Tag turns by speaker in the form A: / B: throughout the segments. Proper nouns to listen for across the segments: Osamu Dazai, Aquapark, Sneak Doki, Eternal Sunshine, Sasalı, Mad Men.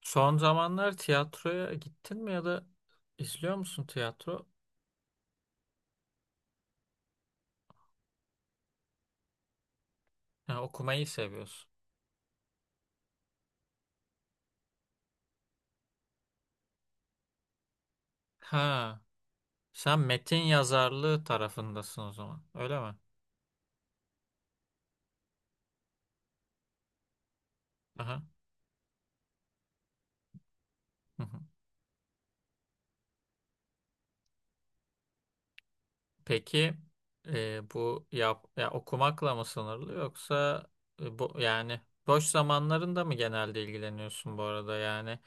A: Son zamanlar tiyatroya gittin mi ya da izliyor musun tiyatro? Ha, okumayı seviyorsun. Ha, sen metin yazarlığı tarafındasın o zaman. Öyle mi? Aha. Hı hı. Peki ya okumakla mı sınırlı yoksa e, bu yani boş zamanlarında mı genelde ilgileniyorsun bu arada? Yani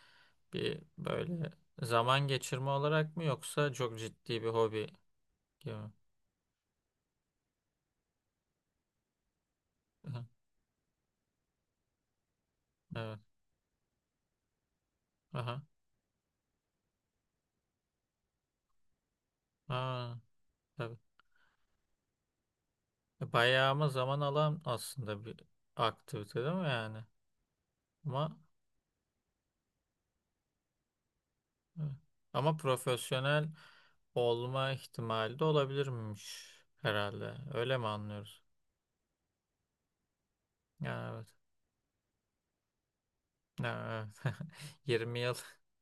A: bir böyle zaman geçirme olarak mı yoksa çok ciddi bir hobi gibi mi? Aha. Evet. Aha. Aa, tabii. Bayağı ama zaman alan aslında bir aktivite değil mi yani? Ama evet. Ama profesyonel olma ihtimali de olabilirmiş herhalde. Öyle mi anlıyoruz? Ya evet. Ya evet. 20 yıl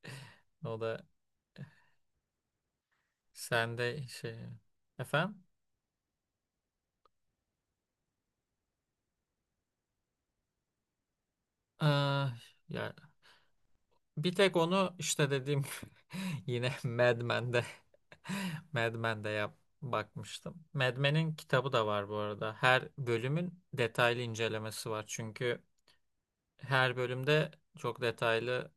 A: o da sende şey efendim? Ee, ya Bir tek onu işte dediğim yine Mad Men'de Mad Men'de bakmıştım. Mad Men'in kitabı da var bu arada. Her bölümün detaylı incelemesi var. Çünkü her bölümde çok detaylı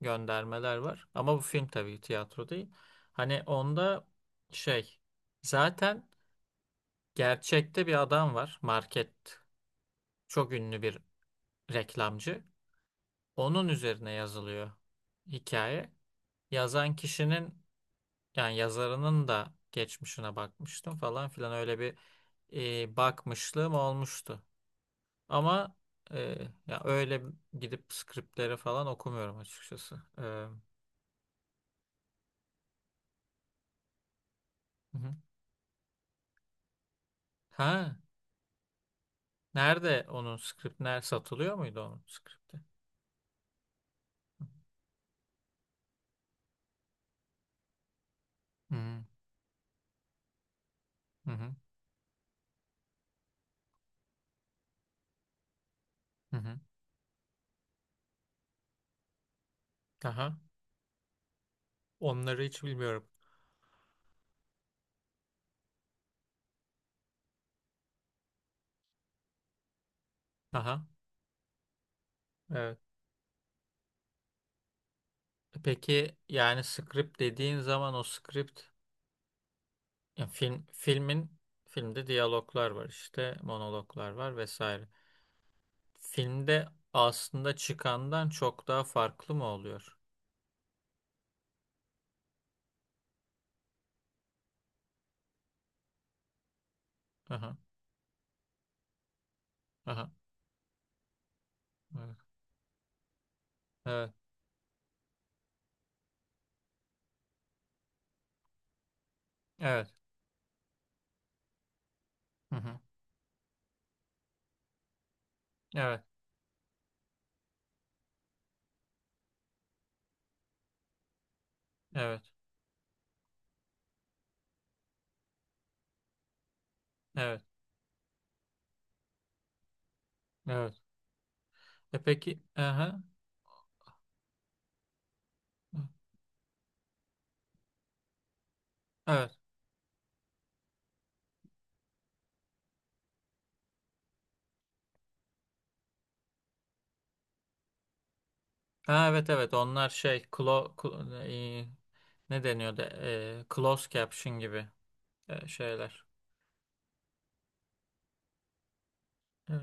A: göndermeler var. Ama bu film tabii tiyatro değil. Hani onda şey zaten gerçekte bir adam var. Market çok ünlü bir reklamcı. Onun üzerine yazılıyor hikaye. Yazan kişinin, yani yazarının da geçmişine bakmıştım falan filan, öyle bir bakmışlığım olmuştu. Ama e, ya öyle gidip skriptleri falan okumuyorum açıkçası. Hı hı. Ha, nerede onun skript ner satılıyor muydu onun skripti? Hı hı hı hı. Hı. Aha. Onları hiç bilmiyorum. Aha. Evet. Peki yani script dediğin zaman o script ya filmin filmde diyaloglar var işte, monologlar var vesaire. Filmde aslında çıkandan çok daha farklı mı oluyor? Aha, aha, evet, evet, evet, hı hı, evet, evet, evet, evet. E peki, aha, evet, ha, evet, evet. Onlar şey, e, ne deniyordu? Closed caption gibi şeyler. Evet.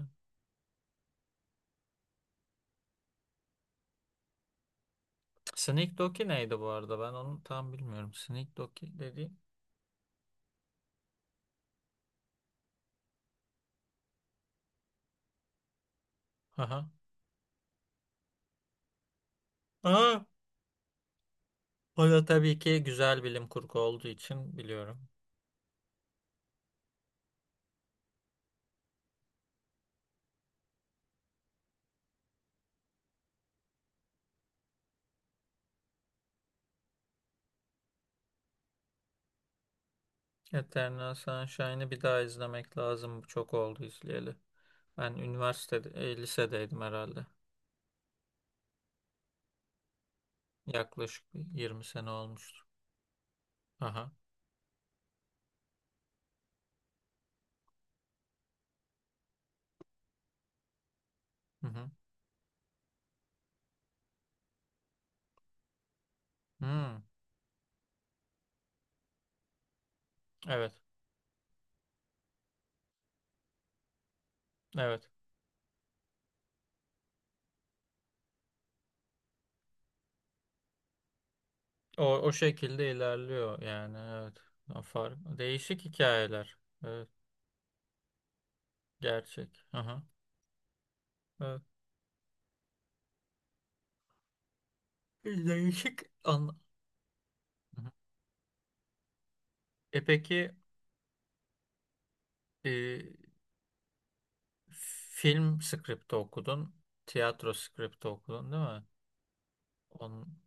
A: Sneak Doki neydi bu arada? Ben onu tam bilmiyorum. Sneak Doki dediğim. Aha. Aa, o da tabii ki güzel bilim kurgu olduğu için biliyorum. Eternal Sunshine'ı bir daha izlemek lazım. Çok oldu izleyeli. Ben üniversitede, lisedeydim herhalde. Yaklaşık bir 20 sene olmuştu. Aha. Hı hı. Hmm. Evet. Evet. O, o şekilde ilerliyor yani. Evet. Afar. Değişik hikayeler. Evet. Gerçek. Aha. Evet. Değişik anla. Hı hı. E peki, e, film skripti okudun. Tiyatro skripti okudun değil mi? Onun...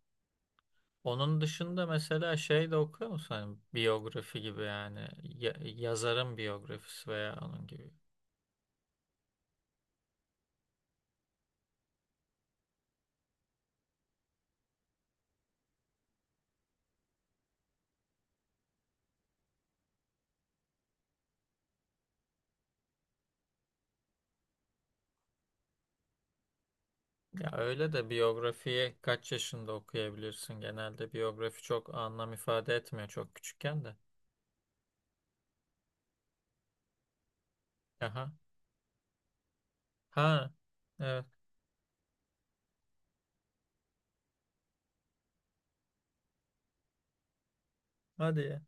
A: onun dışında mesela şey de okuyor musun? Hani biyografi gibi, yani yazarın biyografisi veya onun gibi. Ya öyle de biyografiyi kaç yaşında okuyabilirsin? Genelde biyografi çok anlam ifade etmiyor çok küçükken de. Aha. Ha. Evet. Hadi ya.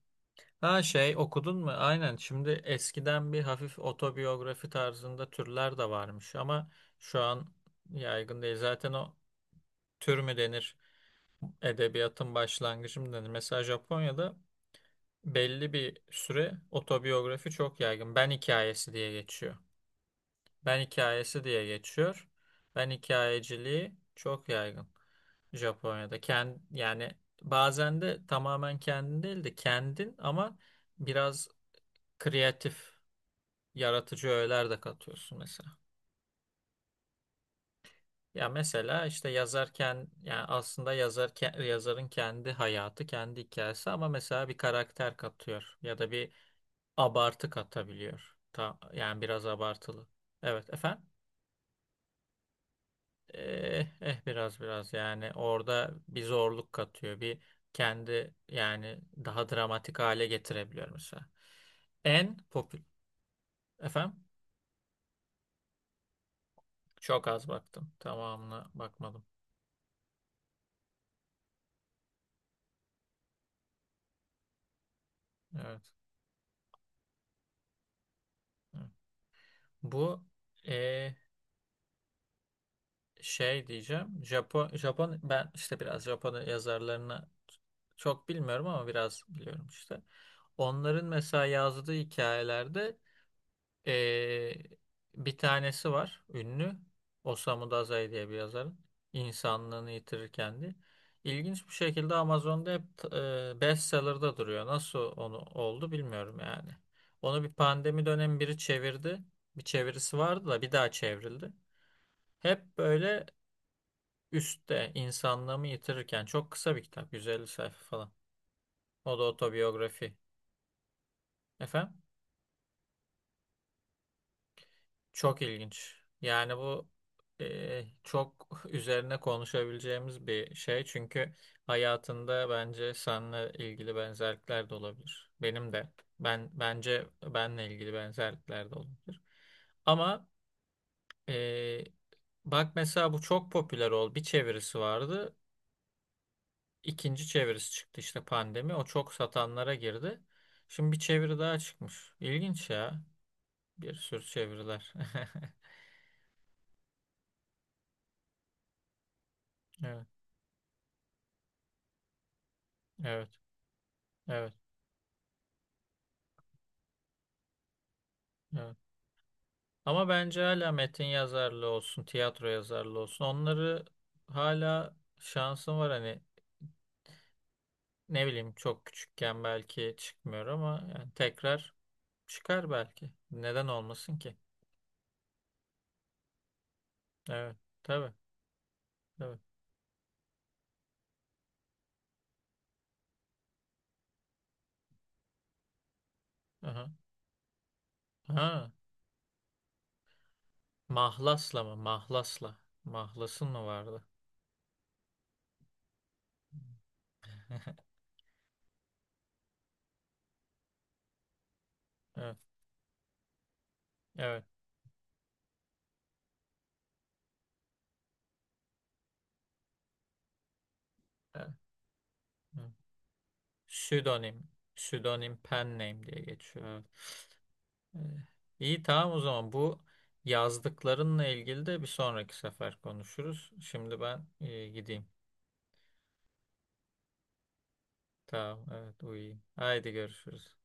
A: Ha şey okudun mu? Aynen. Şimdi eskiden bir hafif otobiyografi tarzında türler de varmış ama şu an yaygın değil. Zaten o tür mü denir? Edebiyatın başlangıcı mı denir? Mesela Japonya'da belli bir süre otobiyografi çok yaygın. Ben hikayesi diye geçiyor. Ben hikayesi diye geçiyor. Ben hikayeciliği çok yaygın Japonya'da. Kend, yani bazen de tamamen kendin değil de kendin ama biraz kreatif, yaratıcı öğeler de katıyorsun mesela. Ya mesela işte yazarken, yani aslında yazarın kendi hayatı, kendi hikayesi ama mesela bir karakter katıyor ya da bir abartı katabiliyor. Ta, yani biraz abartılı. Evet efendim. Biraz yani orada bir zorluk katıyor. Bir kendi, yani daha dramatik hale getirebiliyor mesela. En popüler. Efendim? Çok az baktım. Tamamına bakmadım. Evet. Evet. Bu eh, şey diyeceğim. Japon, ben işte biraz Japon yazarlarını çok bilmiyorum ama biraz biliyorum işte. Onların mesela yazdığı hikayelerde Ee, bir tanesi var ünlü. Osamu Dazai diye bir yazarın. İnsanlığını yitirir kendi. İlginç bir şekilde Amazon'da hep bestseller'da duruyor. Nasıl onu oldu bilmiyorum yani. Onu bir pandemi dönemi biri çevirdi. Bir çevirisi vardı da bir daha çevrildi. Hep böyle üstte insanlığımı yitirirken çok kısa bir kitap. 150 sayfa falan. O da otobiyografi. Efendim? Çok ilginç. Yani bu çok üzerine konuşabileceğimiz bir şey. Çünkü hayatında bence seninle ilgili benzerlikler de olabilir. Benim de. Ben bence benle ilgili benzerlikler de olabilir. Ama e, bak mesela bu çok popüler oldu. Bir çevirisi vardı. İkinci çevirisi çıktı işte pandemi. O çok satanlara girdi. Şimdi bir çeviri daha çıkmış. İlginç ya. Bir sürü çeviriler. Evet, evet, evet. Evet. Ama bence hala metin yazarlığı olsun, tiyatro yazarlığı olsun. Onları hala şansım var hani, ne bileyim, çok küçükken belki çıkmıyor ama yani tekrar çıkar belki. Neden olmasın ki? Evet, tabii, tabii. Aha. Ha, mahlasla mı? Mahlasla. Mahlasın mı vardı? Evet, evet. Evet. Evet. Pseudonym. Pseudonym pen name diye geçiyor. Evet. Ee, İyi tamam o zaman bu yazdıklarınla ilgili de bir sonraki sefer konuşuruz. Şimdi ben gideyim. Tamam evet, uyuyayım. Haydi görüşürüz.